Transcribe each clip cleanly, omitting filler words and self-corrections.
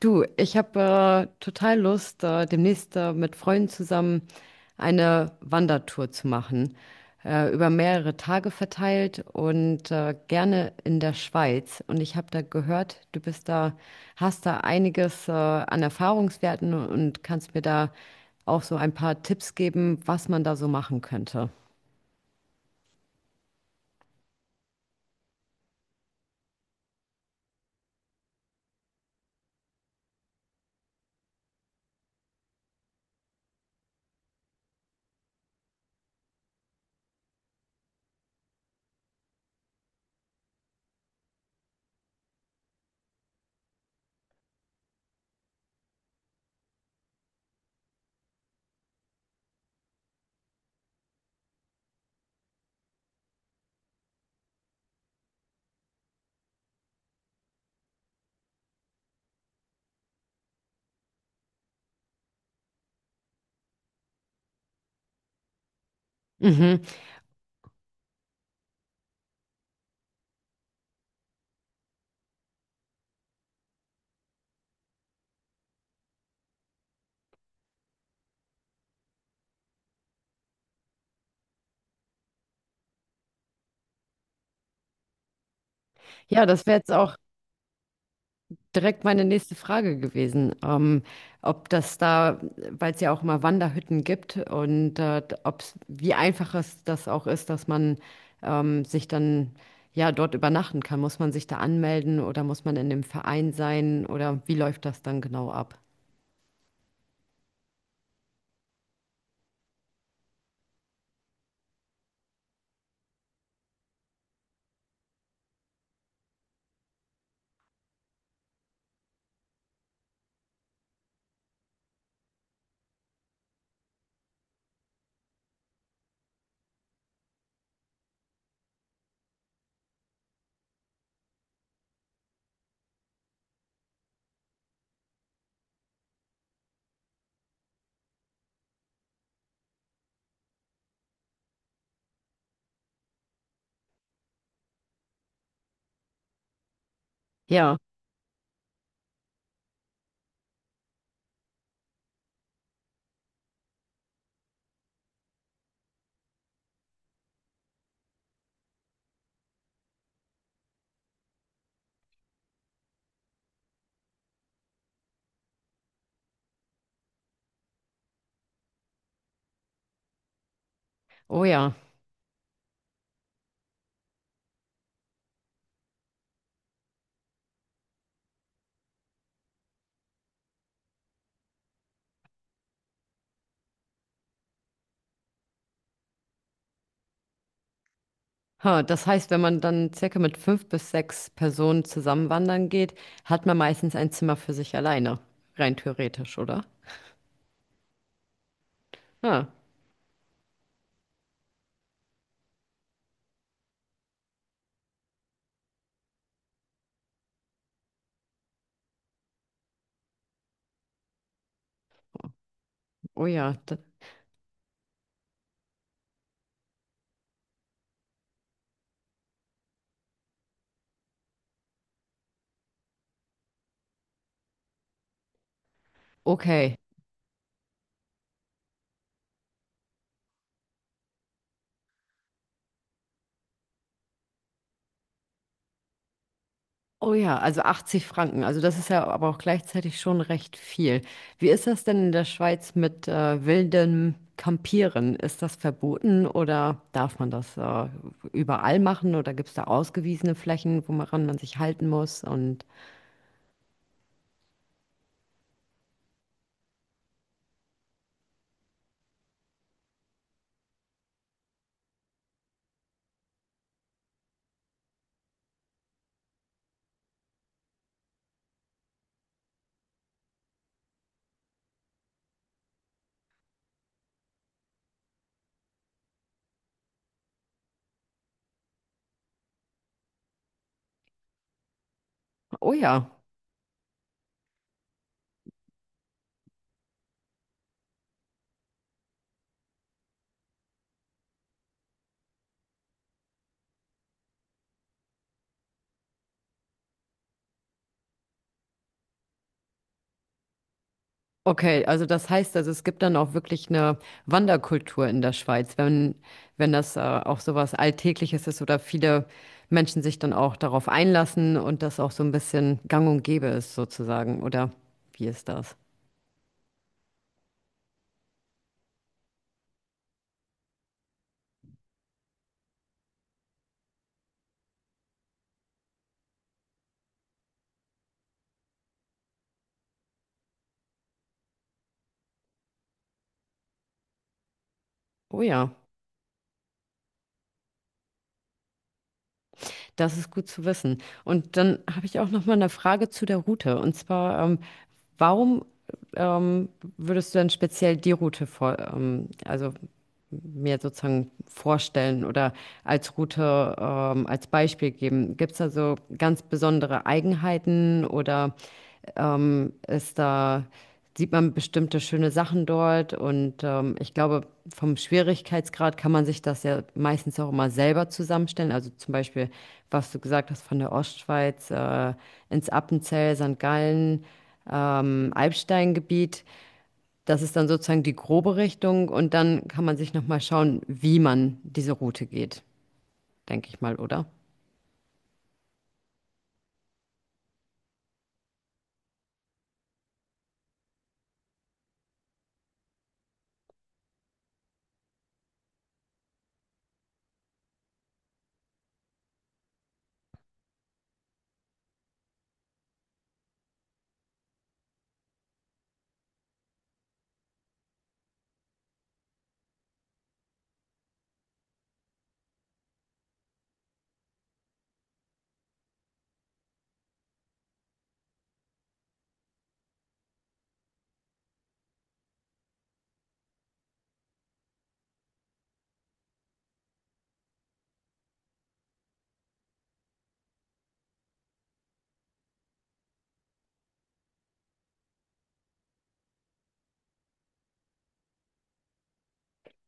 Du, ich habe total Lust, demnächst mit Freunden zusammen eine Wandertour zu machen, über mehrere Tage verteilt und gerne in der Schweiz. Und ich habe da gehört, du bist da, hast da einiges an Erfahrungswerten und kannst mir da auch so ein paar Tipps geben, was man da so machen könnte. Mhm. Ja, das wäre jetzt auch direkt meine nächste Frage gewesen, ob das da, weil es ja auch mal Wanderhütten gibt und ob wie einfach es das auch ist, dass man sich dann ja dort übernachten kann. Muss man sich da anmelden oder muss man in dem Verein sein oder wie läuft das dann genau ab? Ja, oh ja. Ha, das heißt, wenn man dann circa mit fünf bis sechs Personen zusammen wandern geht, hat man meistens ein Zimmer für sich alleine, rein theoretisch, oder? Ah, oh ja, d- okay. Oh ja, also 80 Franken. Also das ist ja aber auch gleichzeitig schon recht viel. Wie ist das denn in der Schweiz mit wildem Campieren? Ist das verboten oder darf man das überall machen oder gibt es da ausgewiesene Flächen, woran man sich halten muss? Und oh ja. Okay, also das heißt, also es gibt dann auch wirklich eine Wanderkultur in der Schweiz, wenn das auch sowas Alltägliches ist oder viele Menschen sich dann auch darauf einlassen und das auch so ein bisschen gang und gäbe ist sozusagen, oder wie ist das? Oh ja, das ist gut zu wissen. Und dann habe ich auch noch mal eine Frage zu der Route. Und zwar, warum ähm, würdest du denn speziell die Route vor, also mir sozusagen vorstellen oder als Route als Beispiel geben? Gibt es da so ganz besondere Eigenheiten oder ist da, sieht man bestimmte schöne Sachen dort? Und ich glaube, vom Schwierigkeitsgrad kann man sich das ja meistens auch immer selber zusammenstellen. Also zum Beispiel, was du gesagt hast, von der Ostschweiz ins Appenzell, St. Gallen, Alpsteingebiet. Das ist dann sozusagen die grobe Richtung und dann kann man sich nochmal schauen, wie man diese Route geht, denke ich mal, oder?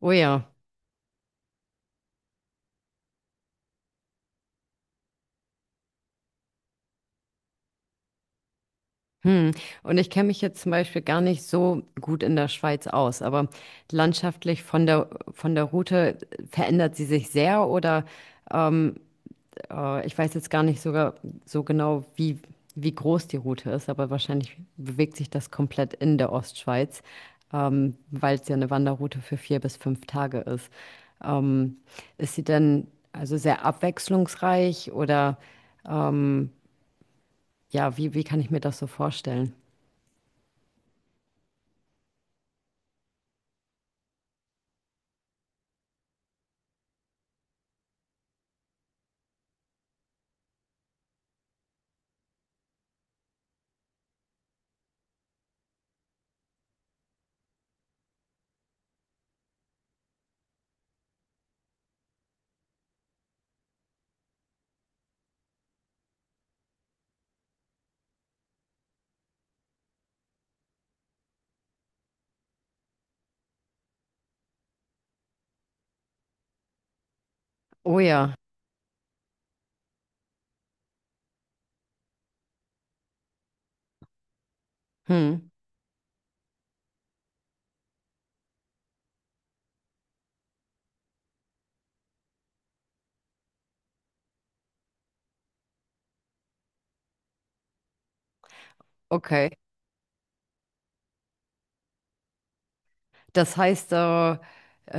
Oh ja. Hm. Und ich kenne mich jetzt zum Beispiel gar nicht so gut in der Schweiz aus, aber landschaftlich von der Route verändert sie sich sehr oder ähm, ich weiß jetzt gar nicht sogar so genau, wie, wie groß die Route ist, aber wahrscheinlich bewegt sich das komplett in der Ostschweiz, weil es ja eine Wanderroute für vier bis fünf Tage ist. Ähm, ist sie denn also sehr abwechslungsreich oder ähm, ja, wie, wie kann ich mir das so vorstellen? Oh ja, hm, okay. Das heißt,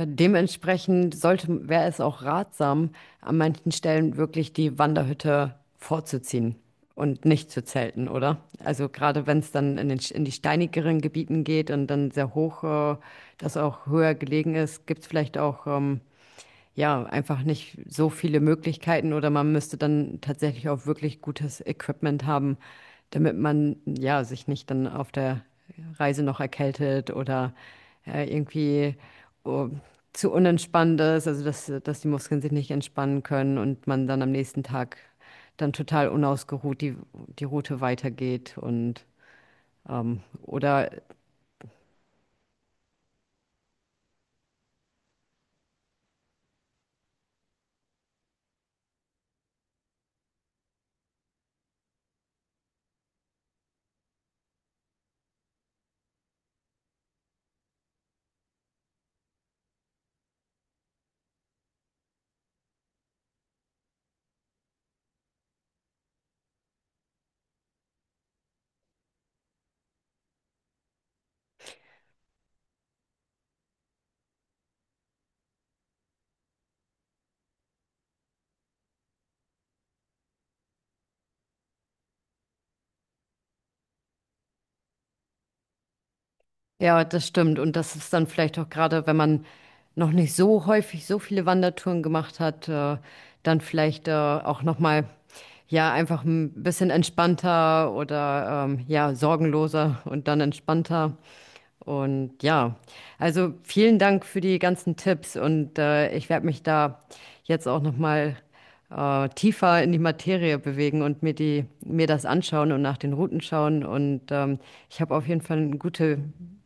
dementsprechend sollte, wäre es auch ratsam, an manchen Stellen wirklich die Wanderhütte vorzuziehen und nicht zu zelten, oder? Also gerade wenn es dann in den, in die steinigeren Gebieten geht und dann sehr hoch, das auch höher gelegen ist, gibt es vielleicht auch ja, einfach nicht so viele Möglichkeiten oder man müsste dann tatsächlich auch wirklich gutes Equipment haben, damit man ja sich nicht dann auf der Reise noch erkältet oder irgendwie oh, zu unentspannt ist, also dass, dass die Muskeln sich nicht entspannen können und man dann am nächsten Tag dann total unausgeruht die, die Route weitergeht und oder ja, das stimmt. Und das ist dann vielleicht auch gerade, wenn man noch nicht so häufig so viele Wandertouren gemacht hat, dann vielleicht auch noch mal ja einfach ein bisschen entspannter oder ja sorgenloser und dann entspannter. Und ja, also vielen Dank für die ganzen Tipps und ich werde mich da jetzt auch noch mal tiefer in die Materie bewegen und mir die, mir das anschauen und nach den Routen schauen. Und ich habe auf jeden Fall einen gute,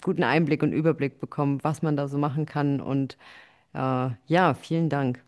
guten Einblick und Überblick bekommen, was man da so machen kann. Und ja, vielen Dank.